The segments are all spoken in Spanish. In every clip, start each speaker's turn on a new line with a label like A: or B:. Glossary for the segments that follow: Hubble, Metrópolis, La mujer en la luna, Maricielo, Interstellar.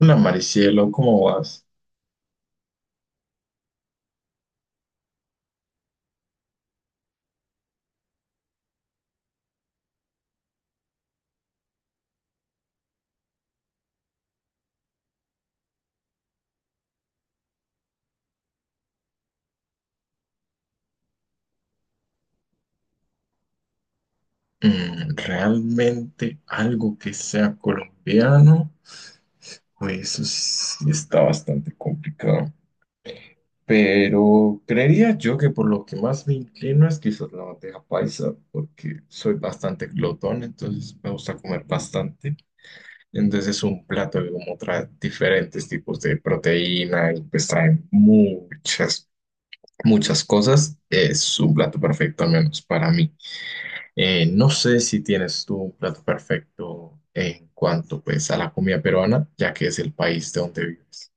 A: Hola Maricielo, ¿cómo vas? Realmente algo que sea colombiano, pues eso sí está bastante complicado. Pero creería yo que por lo que más me inclino es quizás la bandeja paisa, porque soy bastante glotón, entonces me gusta comer bastante. Entonces es un plato que como trae diferentes tipos de proteína y pues trae muchas cosas. Es un plato perfecto, al menos para mí. No sé si tienes tú un plato perfecto en cuanto pues a la comida peruana, ya que es el país de donde vives.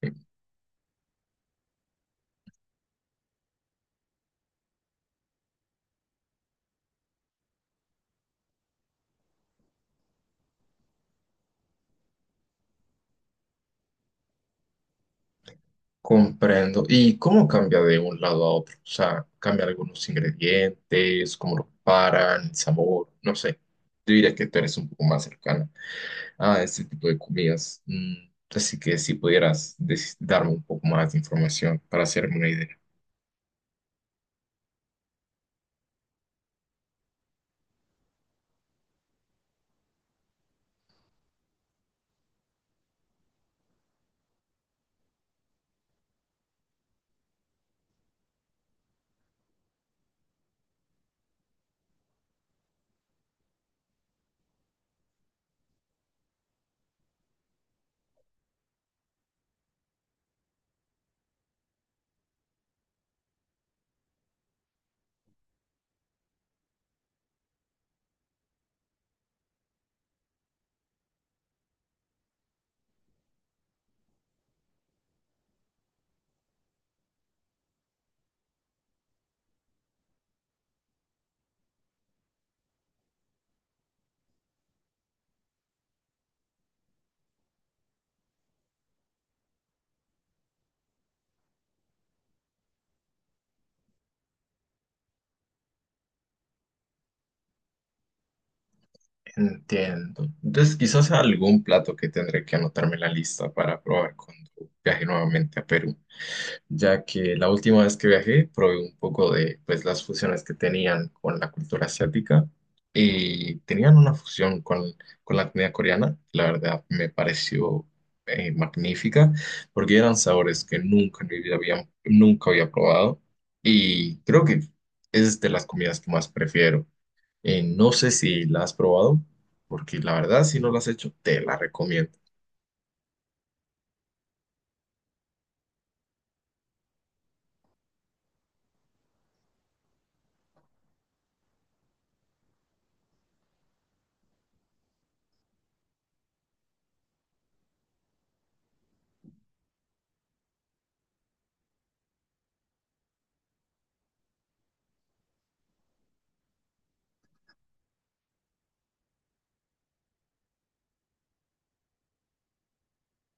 A: Eh, Comprendo. ¿Y cómo cambia de un lado a otro? O sea, cambia algunos ingredientes, cómo lo preparan, el sabor, no sé. Yo diría que tú eres un poco más cercana a este tipo de comidas. Así que si pudieras darme un poco más de información para hacerme una idea. Entiendo. Entonces, quizás algún plato que tendré que anotarme en la lista para probar cuando viaje nuevamente a Perú, ya que la última vez que viajé probé un poco de pues, las fusiones que tenían con la cultura asiática y tenían una fusión con la comida coreana. La verdad me pareció magnífica porque eran sabores que nunca en mi vida nunca había probado y creo que es de las comidas que más prefiero. No sé si la has probado, porque la verdad, si no la has hecho, te la recomiendo.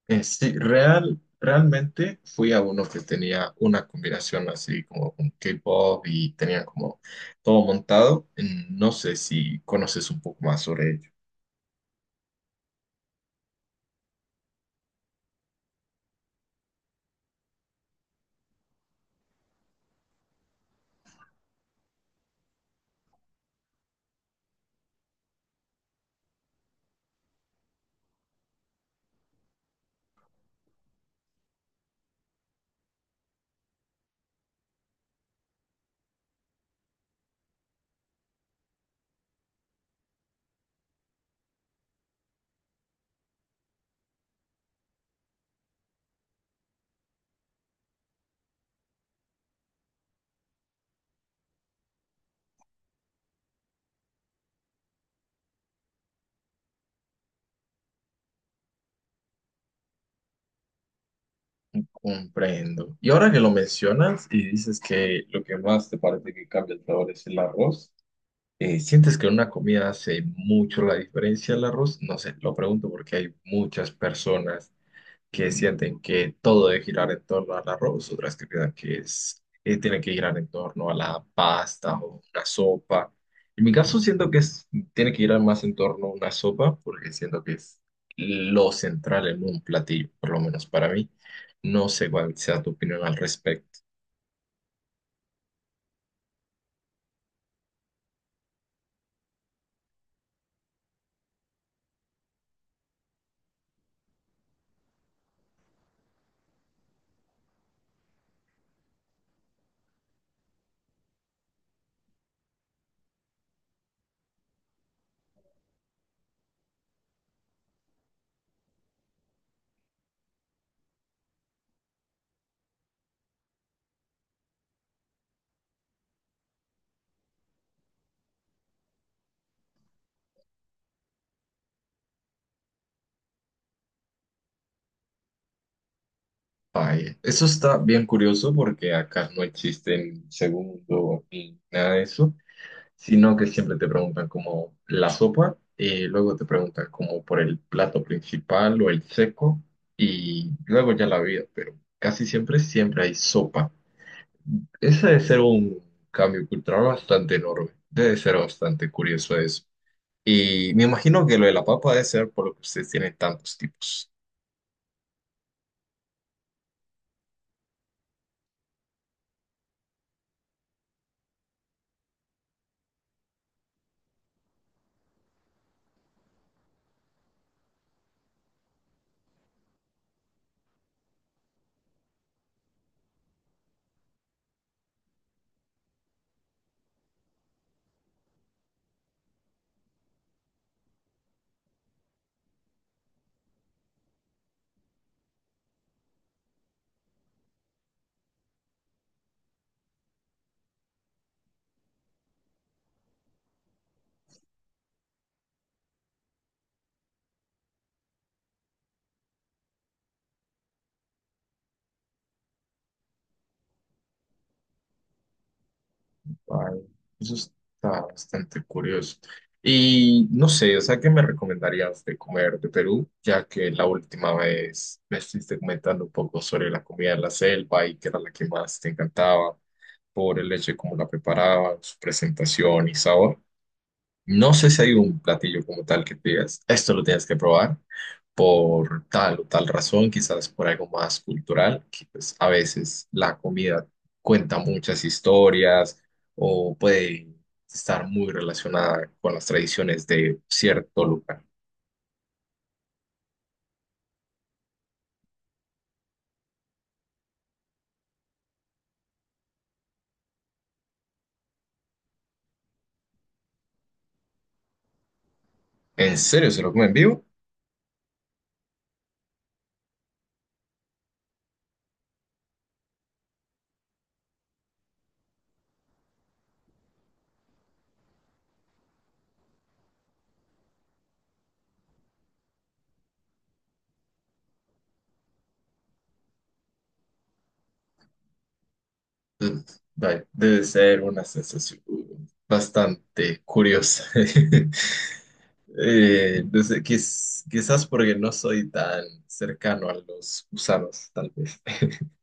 A: Sí, realmente fui a uno que tenía una combinación así como con K-pop y tenía como todo montado. Mm. No sé si conoces un poco más sobre ello. Comprendo. Y ahora que lo mencionas y dices que lo que más te parece que cambia el sabor es el arroz, ¿sientes que en una comida hace mucho la diferencia el arroz? No sé, lo pregunto porque hay muchas personas que sienten que todo debe girar en torno al arroz, otras que piensan que es, tiene que girar en torno a la pasta o una sopa. En mi caso siento que tiene que girar más en torno a una sopa porque siento que es lo central en un platillo, por lo menos para mí. No sé cuál sea tu opinión al respecto. Vaya, eso está bien curioso porque acá no existen segundo ni nada de eso, sino que siempre te preguntan como la sopa, luego te preguntan como por el plato principal o el seco, y luego ya la vida, pero casi siempre, siempre hay sopa. Ese debe ser un cambio cultural bastante enorme, debe ser bastante curioso eso. Y me imagino que lo de la papa debe ser por lo que ustedes tienen tantos tipos. Ay, eso está bastante curioso. Y no sé, o sea, ¿qué me recomendarías de comer de Perú? Ya que la última vez me estuviste comentando un poco sobre la comida de la selva y que era la que más te encantaba por el hecho de cómo la preparaban, su presentación y sabor. No sé si hay un platillo como tal que te digas, esto lo tienes que probar por tal o tal razón, quizás por algo más cultural, que pues a veces la comida cuenta muchas historias o puede estar muy relacionada con las tradiciones de cierto lugar. ¿En serio se lo comen vivo? Ugh, vaya, debe ser una sensación bastante curiosa. No sé, quizás porque no soy tan cercano a los gusanos, tal vez.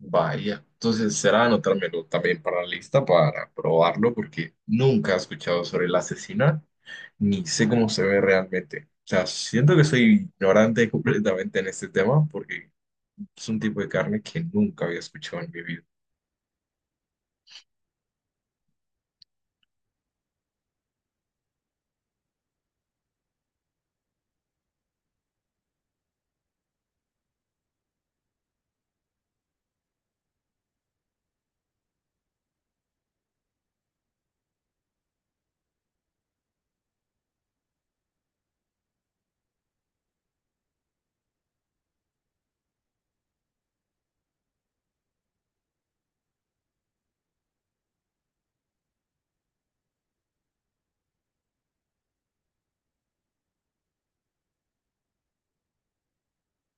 A: Vaya, entonces será anotármelo también para la lista para probarlo, porque nunca he escuchado sobre el asesinato, ni sé cómo se ve realmente. O sea, siento que soy ignorante completamente en este tema, porque es un tipo de carne que nunca había escuchado en mi vida.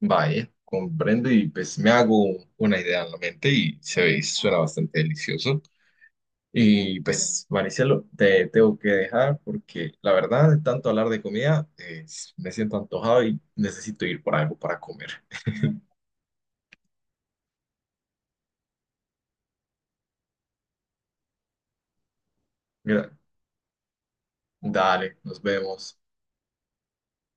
A: Vaya, comprendo y pues me hago una idea en la mente y se ve y suena bastante delicioso. Y pues, Maricelo, te tengo que dejar porque la verdad, de tanto hablar de comida, me siento antojado y necesito ir por algo para comer. Mira, dale, nos vemos.